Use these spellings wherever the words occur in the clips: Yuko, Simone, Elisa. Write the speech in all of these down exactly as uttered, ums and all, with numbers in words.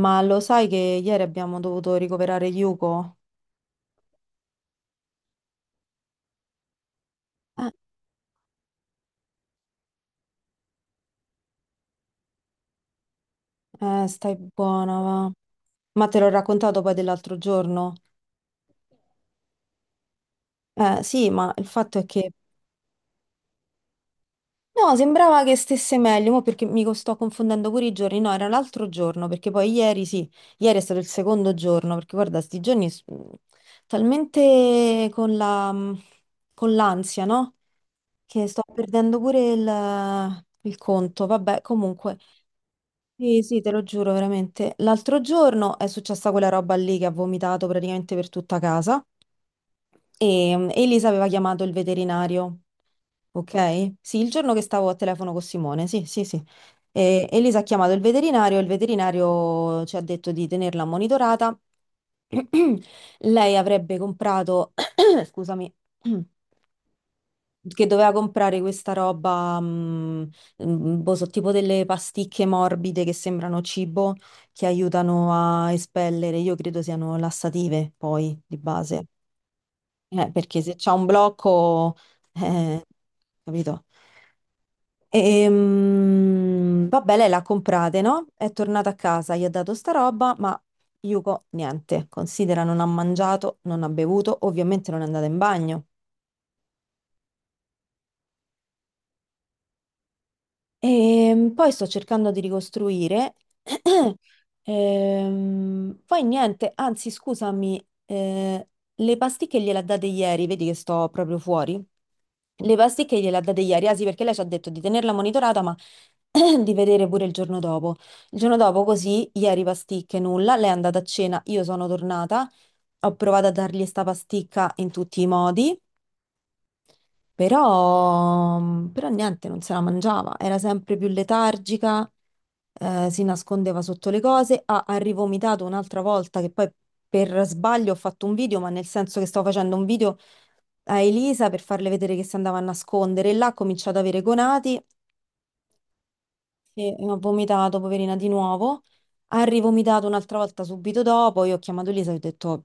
Ma lo sai che ieri abbiamo dovuto ricoverare Yuko? Eh, eh, stai buona, va. Ma te l'ho raccontato poi dell'altro giorno? Eh, sì, ma il fatto è che... No, sembrava che stesse meglio, mo perché mi co- sto confondendo pure i giorni. No, era l'altro giorno, perché poi ieri, sì, ieri è stato il secondo giorno, perché guarda, sti giorni s- mm, talmente con la... mm, con l'ansia, no? Che sto perdendo pure il, il conto. Vabbè, comunque... Sì, sì, te lo giuro, veramente. L'altro giorno è successa quella roba lì che ha vomitato praticamente per tutta casa e mm, Elisa aveva chiamato il veterinario, ok? Sì, il giorno che stavo a telefono con Simone, sì, sì, sì. E Elisa ha chiamato il veterinario e il veterinario ci ha detto di tenerla monitorata. Lei avrebbe comprato, scusami. Che doveva comprare questa roba, mm, mm, mm, boh, so, tipo delle pasticche morbide che sembrano cibo, che aiutano a espellere, io credo siano lassative poi di base, Eh, perché se c'è un blocco, eh, capito? E, vabbè, lei l'ha comprate, no? È tornata a casa, gli ha dato sta roba, ma Yuko niente, considera non ha mangiato, non ha bevuto, ovviamente non è andata in bagno. E poi sto cercando di ricostruire. Ehm, poi niente, anzi, scusami, eh, le pasticche gliele ha date ieri, vedi che sto proprio fuori. Le pasticche gliele ha date ieri, ah sì, perché lei ci ha detto di tenerla monitorata, ma di vedere pure il giorno dopo. Il giorno dopo, così, ieri pasticche, nulla. Lei è andata a cena, io sono tornata, ho provato a dargli sta pasticca in tutti i modi. Però, mm, però niente, non se la mangiava, era sempre più letargica, eh, si nascondeva sotto le cose, ha, ha rivomitato un'altra volta che poi per sbaglio ho fatto un video, ma nel senso che stavo facendo un video a Elisa per farle vedere che si andava a nascondere, e là ha cominciato ad avere gonati e ha vomitato, poverina, di nuovo, ha rivomitato un'altra volta subito dopo, io ho chiamato Elisa e ho detto,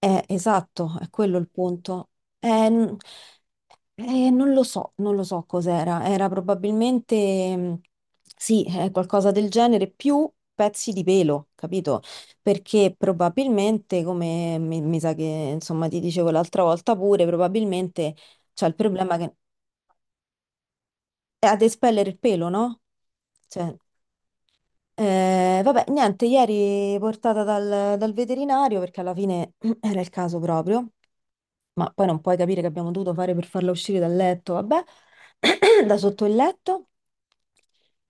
eh, esatto, è quello il punto. Eh, Eh, non lo so, non lo so cos'era. Era probabilmente, mh, sì, eh, qualcosa del genere, più pezzi di pelo, capito? Perché probabilmente, come mi, mi sa che insomma ti dicevo l'altra volta pure, probabilmente c'è il problema che è ad espellere il pelo, no? Cioè, eh, vabbè, niente, ieri portata dal, dal, veterinario perché alla fine era il caso proprio. Ma poi non puoi capire che abbiamo dovuto fare per farla uscire dal letto, vabbè, da sotto il letto.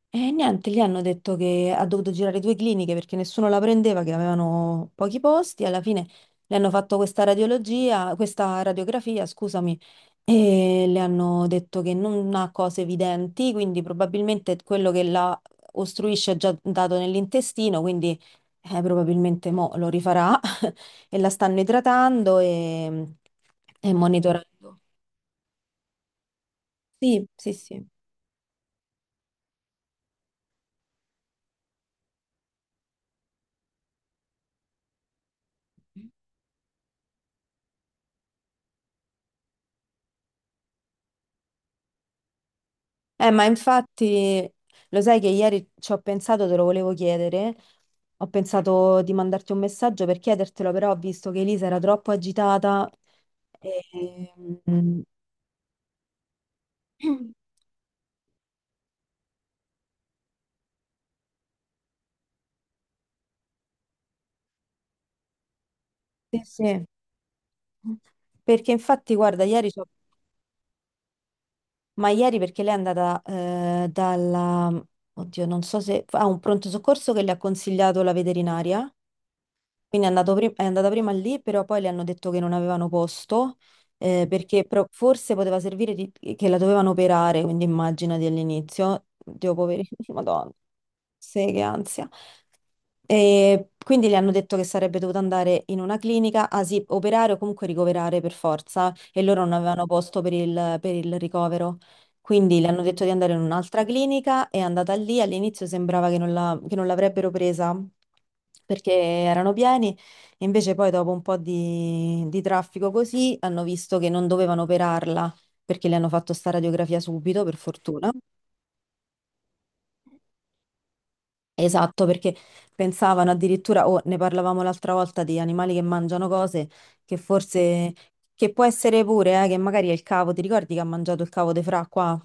E niente, gli hanno detto che ha dovuto girare due cliniche perché nessuno la prendeva, che avevano pochi posti. Alla fine le hanno fatto questa radiologia, questa radiografia, scusami, e le hanno detto che non ha cose evidenti, quindi probabilmente quello che la ostruisce è già dato nell'intestino, quindi eh, probabilmente mo lo rifarà e la stanno idratando e, e monitorando. Sì, sì, sì. Eh, ma infatti, lo sai che ieri ci ho pensato, te lo volevo chiedere. Ho pensato di mandarti un messaggio per chiedertelo, però ho visto che Elisa era troppo agitata. E... mm, Sì, sì. Perché infatti, guarda, ieri c'ho- ma ieri perché lei è andata eh, dalla... Oddio, non so se... a un pronto soccorso che le ha consigliato la veterinaria. Quindi è andato pri- è andata prima lì, però poi le hanno detto che non avevano posto, eh, perché pro- forse poteva servire di- che la dovevano operare, quindi immaginati all'inizio, Dio poveri, Madonna. Sì, che ansia. E quindi le hanno detto che sarebbe dovuta andare in una clinica, ah sì, operare o comunque ricoverare per forza, e loro non avevano posto per il, per il, ricovero. Quindi le hanno detto di andare in un'altra clinica, è andata lì, all'inizio sembrava che non la- che non l'avrebbero presa perché erano pieni, e invece poi dopo un po' di, di traffico così hanno visto che non dovevano operarla perché le hanno fatto sta radiografia subito, per fortuna. Esatto, perché pensavano addirittura, o ne parlavamo l'altra volta, di animali che mangiano cose che forse, che può essere pure, eh, che magari è il cavo, ti ricordi che ha mangiato il cavo di Fra qua?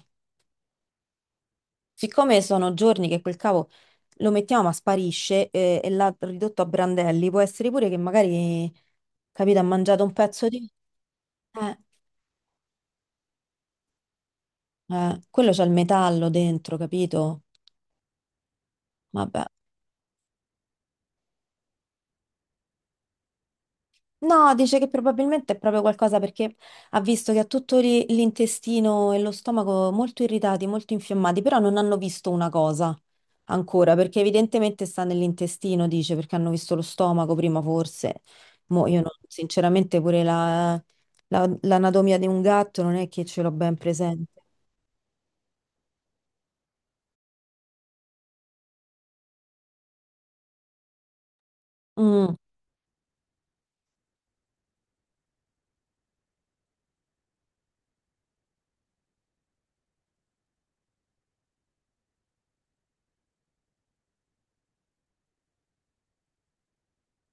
Siccome sono giorni che quel cavo lo mettiamo ma sparisce eh, e l'ha ridotto a brandelli, può essere pure che magari, capito, ha mangiato un pezzo di... Eh, eh, quello c'ha il metallo dentro, capito? Vabbè. No, dice che probabilmente è proprio qualcosa perché ha visto che ha tutto lì l'intestino e lo stomaco molto irritati, molto infiammati, però non hanno visto una cosa ancora, perché evidentemente sta nell'intestino, dice, perché hanno visto lo stomaco prima forse. Mo' io no, sinceramente pure la- la- l'anatomia di un gatto non è che ce l'ho ben presente. Mm,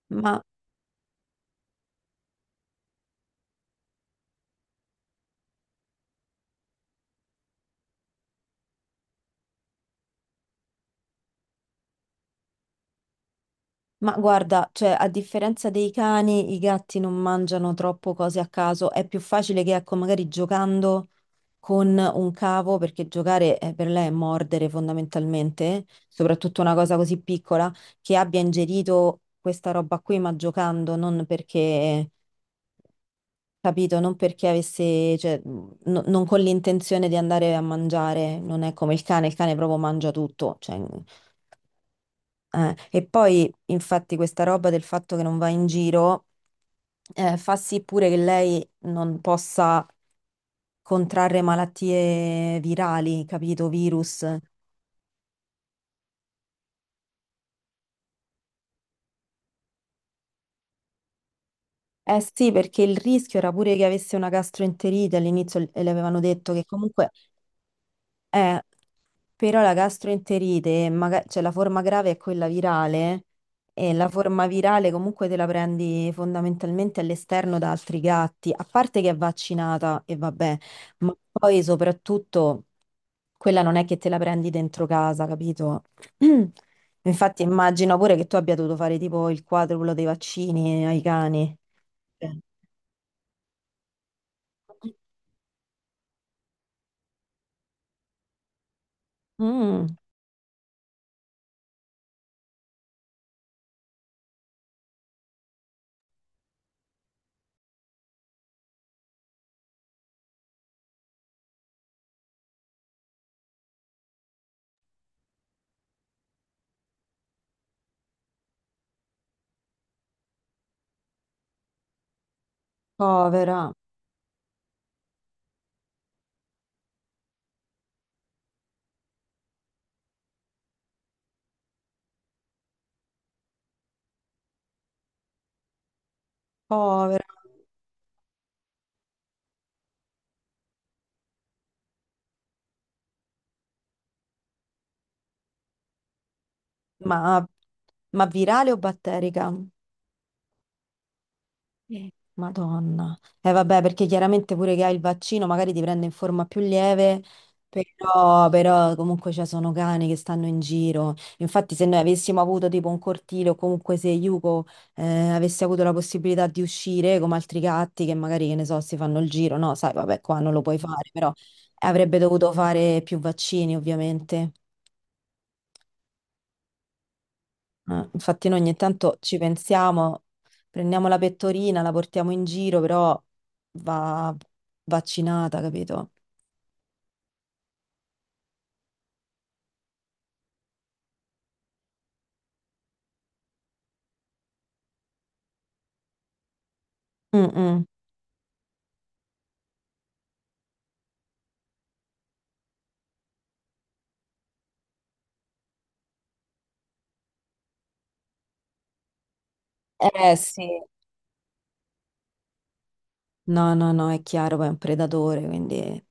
ma Ma guarda, cioè, a differenza dei cani, i gatti non mangiano troppo cose a caso. È più facile che, ecco, magari giocando con un cavo, perché giocare eh, per lei è mordere fondamentalmente, soprattutto una cosa così piccola, che abbia ingerito questa roba qui, ma giocando, non perché, capito, non perché avesse, cioè, no- non con l'intenzione di andare a mangiare. Non è come il cane, il cane proprio mangia tutto, cioè. Eh, e poi, infatti, questa roba del fatto che non va in giro eh, fa sì pure che lei non possa contrarre malattie virali, capito? Virus. Eh sì, perché il rischio era pure che avesse una gastroenterite all'inizio e le avevano detto che comunque. Eh, però la gastroenterite, maga- cioè la forma grave è quella virale e la forma virale comunque te la prendi fondamentalmente all'esterno da altri gatti, a parte che è vaccinata e vabbè, ma poi soprattutto quella non è che te la prendi dentro casa, capito? Infatti immagino pure che tu abbia dovuto fare tipo il quadruplo dei vaccini ai cani. Sì. Mm, povera, povera. Ma, ma virale o batterica? Eh. Madonna. Eh vabbè, perché chiaramente pure che hai il vaccino magari ti prende in forma più lieve, però, però comunque ci sono cani che stanno in giro. Infatti se noi avessimo avuto tipo un cortile o comunque se Yuko eh, avesse avuto la possibilità di uscire come altri gatti che magari, che ne so, si fanno il giro, no, sai, vabbè, qua non lo puoi fare, però avrebbe dovuto fare più vaccini ovviamente. Eh. Infatti noi ogni tanto ci pensiamo, prendiamo la pettorina, la portiamo in giro, però va vaccinata, capito? Mm-mm. Eh sì, no, no, no, è chiaro, poi è un predatore, quindi... Eh.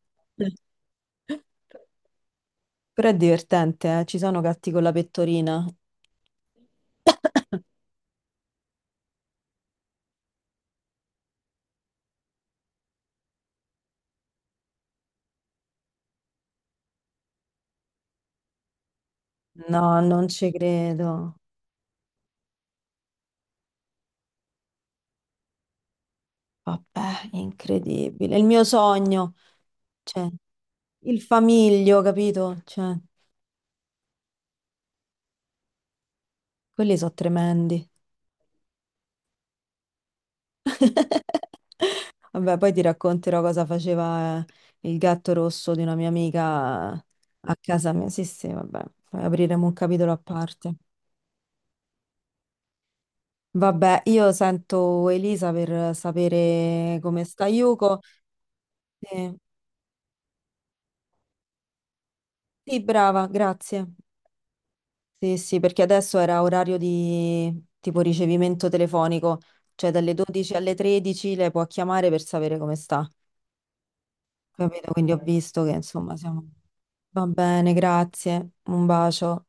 Però è divertente, eh? Ci sono gatti con la pettorina? No, non ci credo. Vabbè, incredibile. È il mio sogno, cioè, il famiglio, capito? Cioè, quelli sono tremendi. Vabbè, poi ti racconterò cosa faceva eh, il gatto rosso di una mia amica eh, a casa mia. Sì, sì, vabbè, poi apriremo un capitolo a parte. Vabbè, io sento Elisa per sapere come sta Yuko. Eh, sì, brava, grazie. Sì, sì, perché adesso era orario di tipo ricevimento telefonico, cioè dalle dodici alle tredici lei può chiamare per sapere come sta. Capito? Quindi ho visto che insomma siamo... Va bene, grazie. Un bacio.